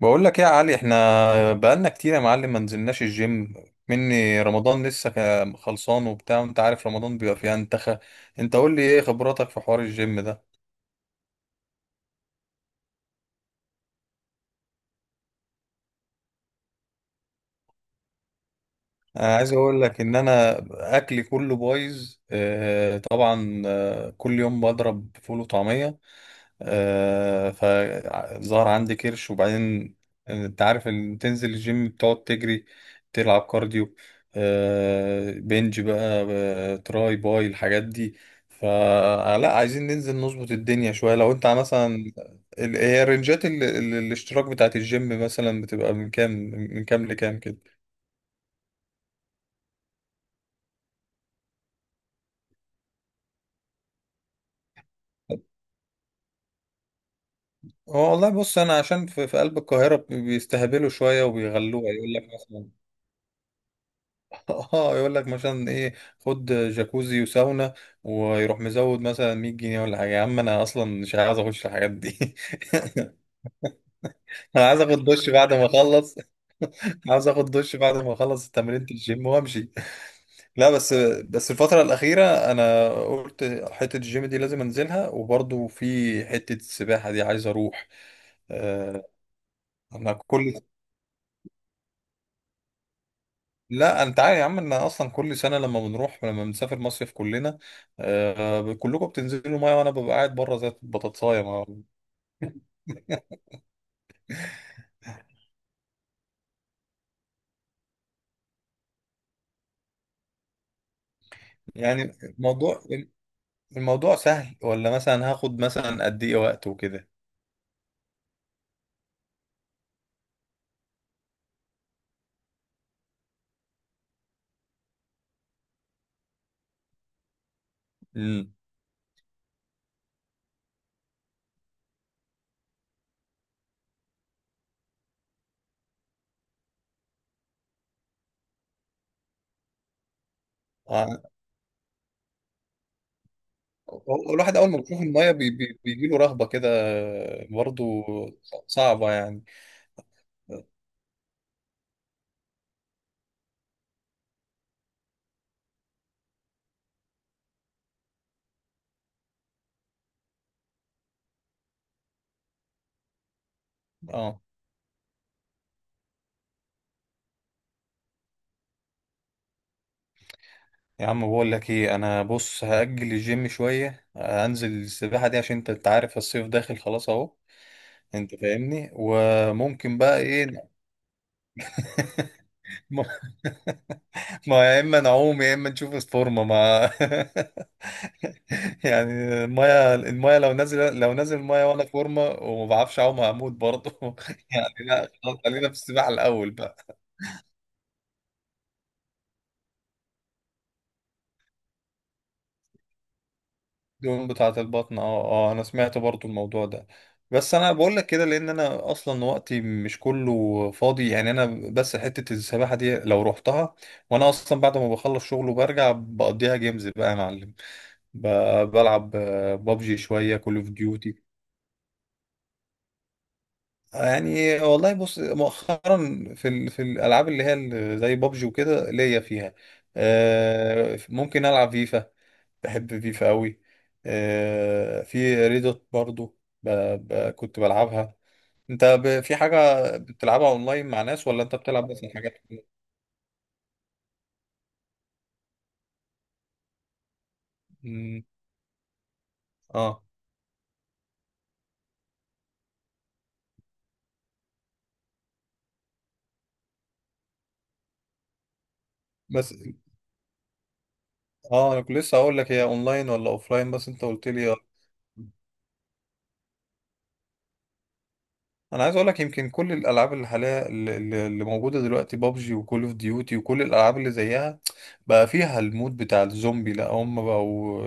بقول لك ايه يا علي، احنا بقالنا كتير يا معلم ما نزلناش الجيم مني رمضان لسه خلصان وبتاع. وانت عارف رمضان بيبقى فيه انتخى. انت قول لي ايه خبراتك في حوار الجيم ده؟ انا عايز اقول لك ان انا اكلي كله بايظ. اه طبعا. كل يوم بضرب فول وطعمية. فظهر عندي كرش. وبعدين انت عارف ان تنزل الجيم بتقعد تجري، تلعب كارديو، بنج بقى، تراي باي الحاجات دي. فلا عايزين ننزل نظبط الدنيا شوية. لو انت مثلا هي رنجات الاشتراك بتاعت الجيم مثلا بتبقى من كام لكام كده؟ هو والله بص، انا عشان في قلب القاهرة بيستهبلوا شوية وبيغلوها. يقول لك مثلا، اه، يقول لك مثلا ايه؟ خد جاكوزي وساونا، ويروح مزود مثلا 100 جنيه ولا حاجه. يا عم انا اصلا مش عايز اخش الحاجات دي. انا عايز اخد دش بعد ما اخلص. عاوز اخد دش بعد ما اخلص تمرينة الجيم وامشي. لا، بس الفترة الأخيرة أنا قلت حتة الجيم دي لازم أنزلها. وبرضو في حتة السباحة دي عايز أروح. آه، أنا كل لا، انت عارف يا عم ان اصلا كل سنه لما بنسافر مصيف كلنا. آه، كلكم بتنزلوا ميه وانا ببقى قاعد بره زي البطاطسايه. يعني الموضوع، سهل ولا مثلا هاخد مثلا قد ايه وقت وكده؟ امم آه، هو الواحد اول ما بيشوف الميه بي بي بيجي له رهبه كده. برضو صعبه يعني. اه، يا عم بقول لك ايه؟ انا بص هاجل الجيم شويه، هنزل السباحه دي، عشان أنت عارف الصيف داخل خلاص اهو. انت فاهمني، وممكن بقى ايه؟ ما ما يا اما نعوم يا اما نشوف الفورمه ما يعني المايه لو نازل المايه وانا فورمه وما بعرفش اعوم، هموت برضه. يعني لا، خلاص خلينا في السباحه الاول بقى. الدهون بتاعه البطن، اه. اه، انا سمعت برضه الموضوع ده. بس انا بقول لك كده لان انا اصلا وقتي مش كله فاضي. يعني بس حته السباحه دي لو رحتها، وانا اصلا بعد ما بخلص شغل وبرجع بقضيها جيمز بقى يا معلم. ب- بلعب بابجي شوية، كول اوف ديوتي. يعني والله بص، مؤخرا في الالعاب اللي هي زي بابجي وكده ليا فيها. ممكن العب فيفا. بحب فيفا قوي. في ريدوت برضو. ب... كنت بلعبها. انت في حاجة بتلعبها اونلاين مع ناس، ولا انت بتلعب بس حاجات؟ مم، اه، بس. اه، انا كنت لسه اقول لك هي اونلاين ولا اوفلاين، بس انت قلت لي. انا عايز اقول لك يمكن كل الالعاب اللي حاليا، اللي موجوده دلوقتي، بابجي وكول اوف ديوتي وكل الالعاب اللي زيها بقى فيها المود بتاع الزومبي. لا، هم بقوا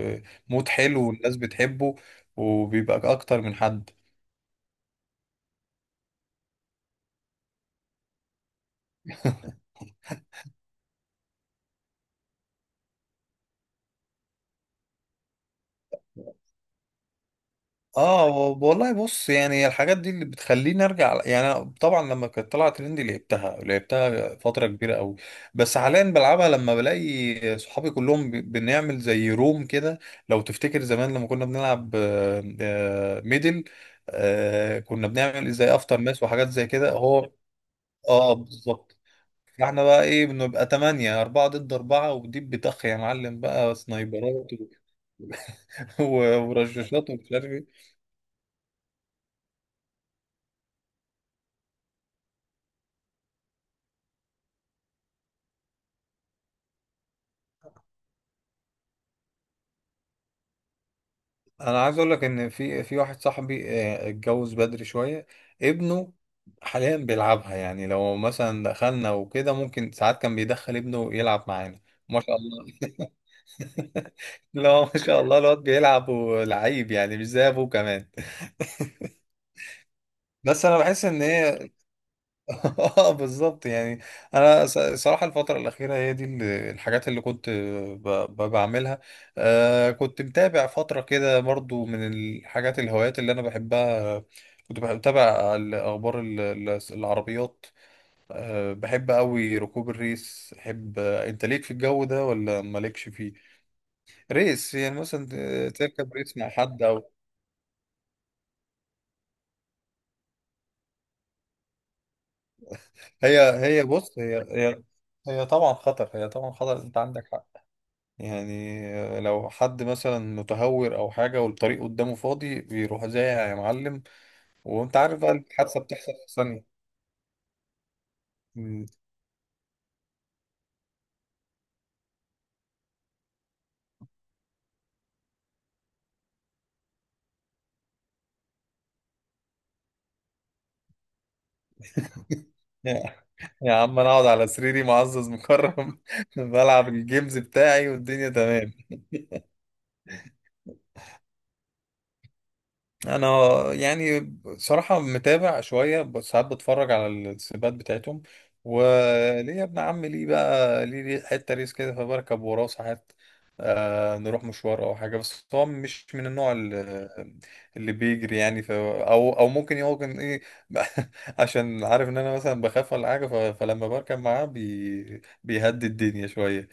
مود حلو والناس بتحبه، وبيبقى اكتر من حد. اه، والله بص، يعني الحاجات دي اللي بتخليني ارجع. يعني أنا طبعا لما كانت طلعت ترند لعبتها لعبتها فتره كبيره قوي. بس حاليا بلعبها لما بلاقي صحابي كلهم بنعمل زي روم كده. لو تفتكر زمان لما كنا بنلعب، ميدل، كنا بنعمل زي افتر ماس وحاجات زي كده. هو، اه بالظبط. فاحنا بقى ايه، بنبقى تمانية، أربعة ضد أربعة، وديب بتخ يا معلم بقى سنايبرات و- ورشاشات ومش عارف إيه. انا عايز اقول لك ان في واحد صاحبي، اتجوز بدري شويه، ابنه حاليا بيلعبها. يعني لو مثلا دخلنا وكده، ممكن ساعات كان بيدخل ابنه يلعب معانا. ما شاء الله. لا، ما شاء الله الواد بيلعب ولعيب يعني، مش زي ابوه كمان. بس انا بحس ان هي، اه بالظبط يعني. انا صراحه الفتره الاخيره هي دي الحاجات اللي كنت بعملها. كنت متابع فتره كده برضو. من الحاجات الهوايات اللي انا بحبها، كنت بتابع الاخبار العربيات. بحب قوي ركوب الريس. بحب، انت ليك في الجو ده ولا مالكش فيه؟ ريس يعني مثلا، تركب ريس مع حد او... هي بص، هي هي طبعا خطر. انت عندك حق. يعني لو حد مثلا متهور او حاجه والطريق قدامه فاضي، بيروح زايع يا معلم. وانت عارف بقى الحادثه بتحصل في ثانيه. مم. يا يا عم، انا اقعد على سريري معزز مكرم، بلعب الجيمز بتاعي والدنيا تمام. انا يعني صراحة متابع شوية، بس ساعات بتفرج على السباقات بتاعتهم. وليه يا ابن عم؟ ليه بقى، ليه حتة ريس كده فبركب وراه ساعات. نروح مشوار او حاجة، بس هو مش من النوع اللي بيجري يعني. او ممكن، يمكن ايه... عشان عارف ان انا مثلا بخاف ولا حاجة، فلما بركب معاه بيهدي الدنيا شوية.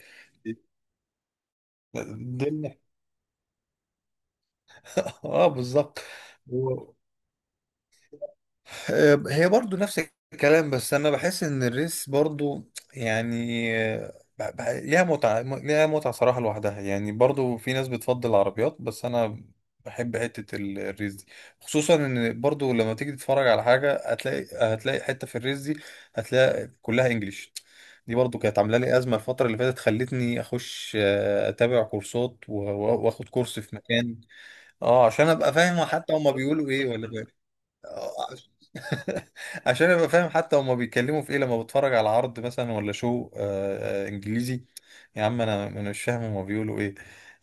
الدنيا اه بالظبط. هي برضو نفس الكلام، بس انا بحس ان الريس برضو يعني ليها متعة ليها متعة صراحة لوحدها. يعني برضو في ناس بتفضل العربيات، بس انا بحب حتة الريس دي. خصوصا ان برضو لما تيجي تتفرج على حاجة، هتلاقي حتة في الريس دي، هتلاقي كلها انجليش. دي برضو كانت عاملة لي أزمة الفترة اللي فاتت، خلتني أخش أتابع كورسات وآخد كورس في مكان. اه، عشان أبقى فاهم حتى هما بيقولوا إيه، ولا فاهم. آه، عشان ابقى فاهم حتى هما بيتكلموا في ايه، لما بتفرج على عرض مثلا ولا شو انجليزي. يا عم، انا مش فاهم هما بيقولوا ايه.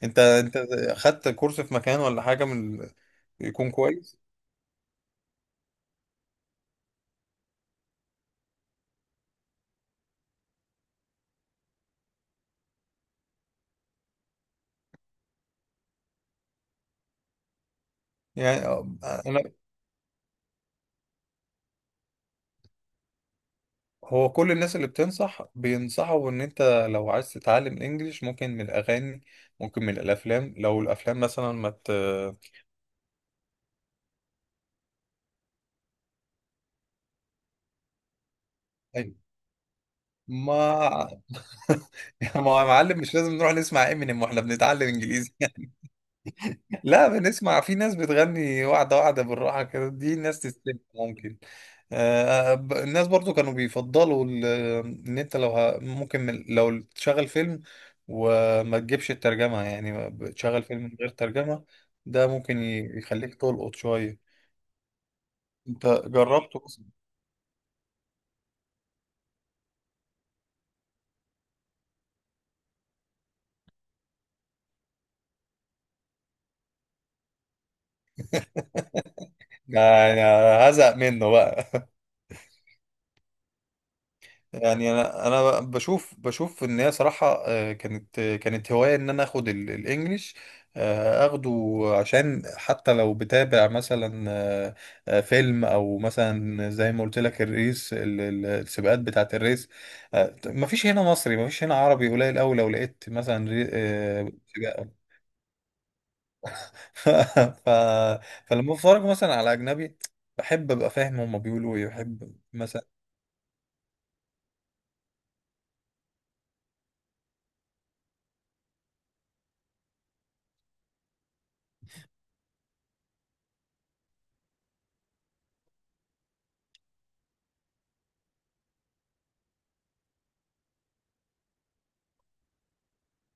انت خدت كورس في مكان ولا حاجه من؟ يكون كويس يعني. انا هو كل الناس اللي بتنصح بينصحوا ان انت لو عايز تتعلم انجليش، ممكن من الاغاني، ممكن من الافلام. لو الافلام مثلا ما ت... ما ما يا معلم مش لازم نروح نسمع امينيم واحنا بنتعلم انجليزي. لا، بنسمع في ناس بتغني واحدة واحدة بالراحة كده، دي الناس تستمع ممكن. الناس برضو كانوا بيفضلوا ان انت لو ممكن لو تشغل فيلم، وما تجيبش الترجمة. يعني بتشغل فيلم من غير ترجمة، ده ممكن يخليك تلقط شوية. انت جربته بس؟ ده، أنا هزهق منه بقى. يعني انا بشوف ان هي صراحه كانت هوايه ان انا اخد الانجليش. اخده عشان حتى لو بتابع مثلا فيلم، او مثلا زي ما قلت لك الريس السباقات بتاعه الريس. مفيش هنا مصري، مفيش هنا عربي قليل قوي. لو لقيت مثلا سباق. ف فلما بتفرج مثلا على اجنبي، بحب ابقى فاهم هما بيقولوا ايه. بحب مثلا...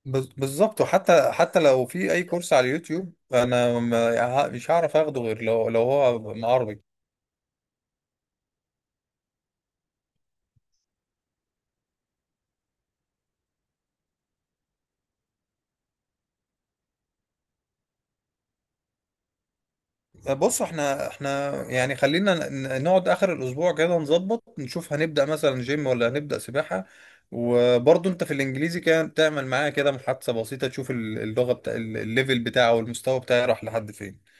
بالظبط، وحتى لو في اي كورس على اليوتيوب، انا مش هعرف اخده غير لو هو عربي. بص، احنا يعني خلينا نقعد اخر الاسبوع كده، نظبط نشوف هنبدا مثلا جيم ولا هنبدا سباحه. وبرضه انت في الانجليزي، كان تعمل معايا كده محادثه بسيطه تشوف اللغه بتاع الليفل بتاعه والمستوى بتاعه راح لحد فين.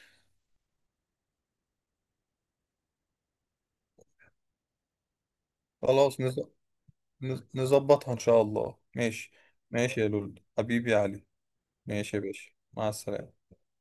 خلاص، نظبطها ان شاء الله. ماشي. ماشي يا لول، حبيبي يا علي. ماشي يا باشا، مع السلامه.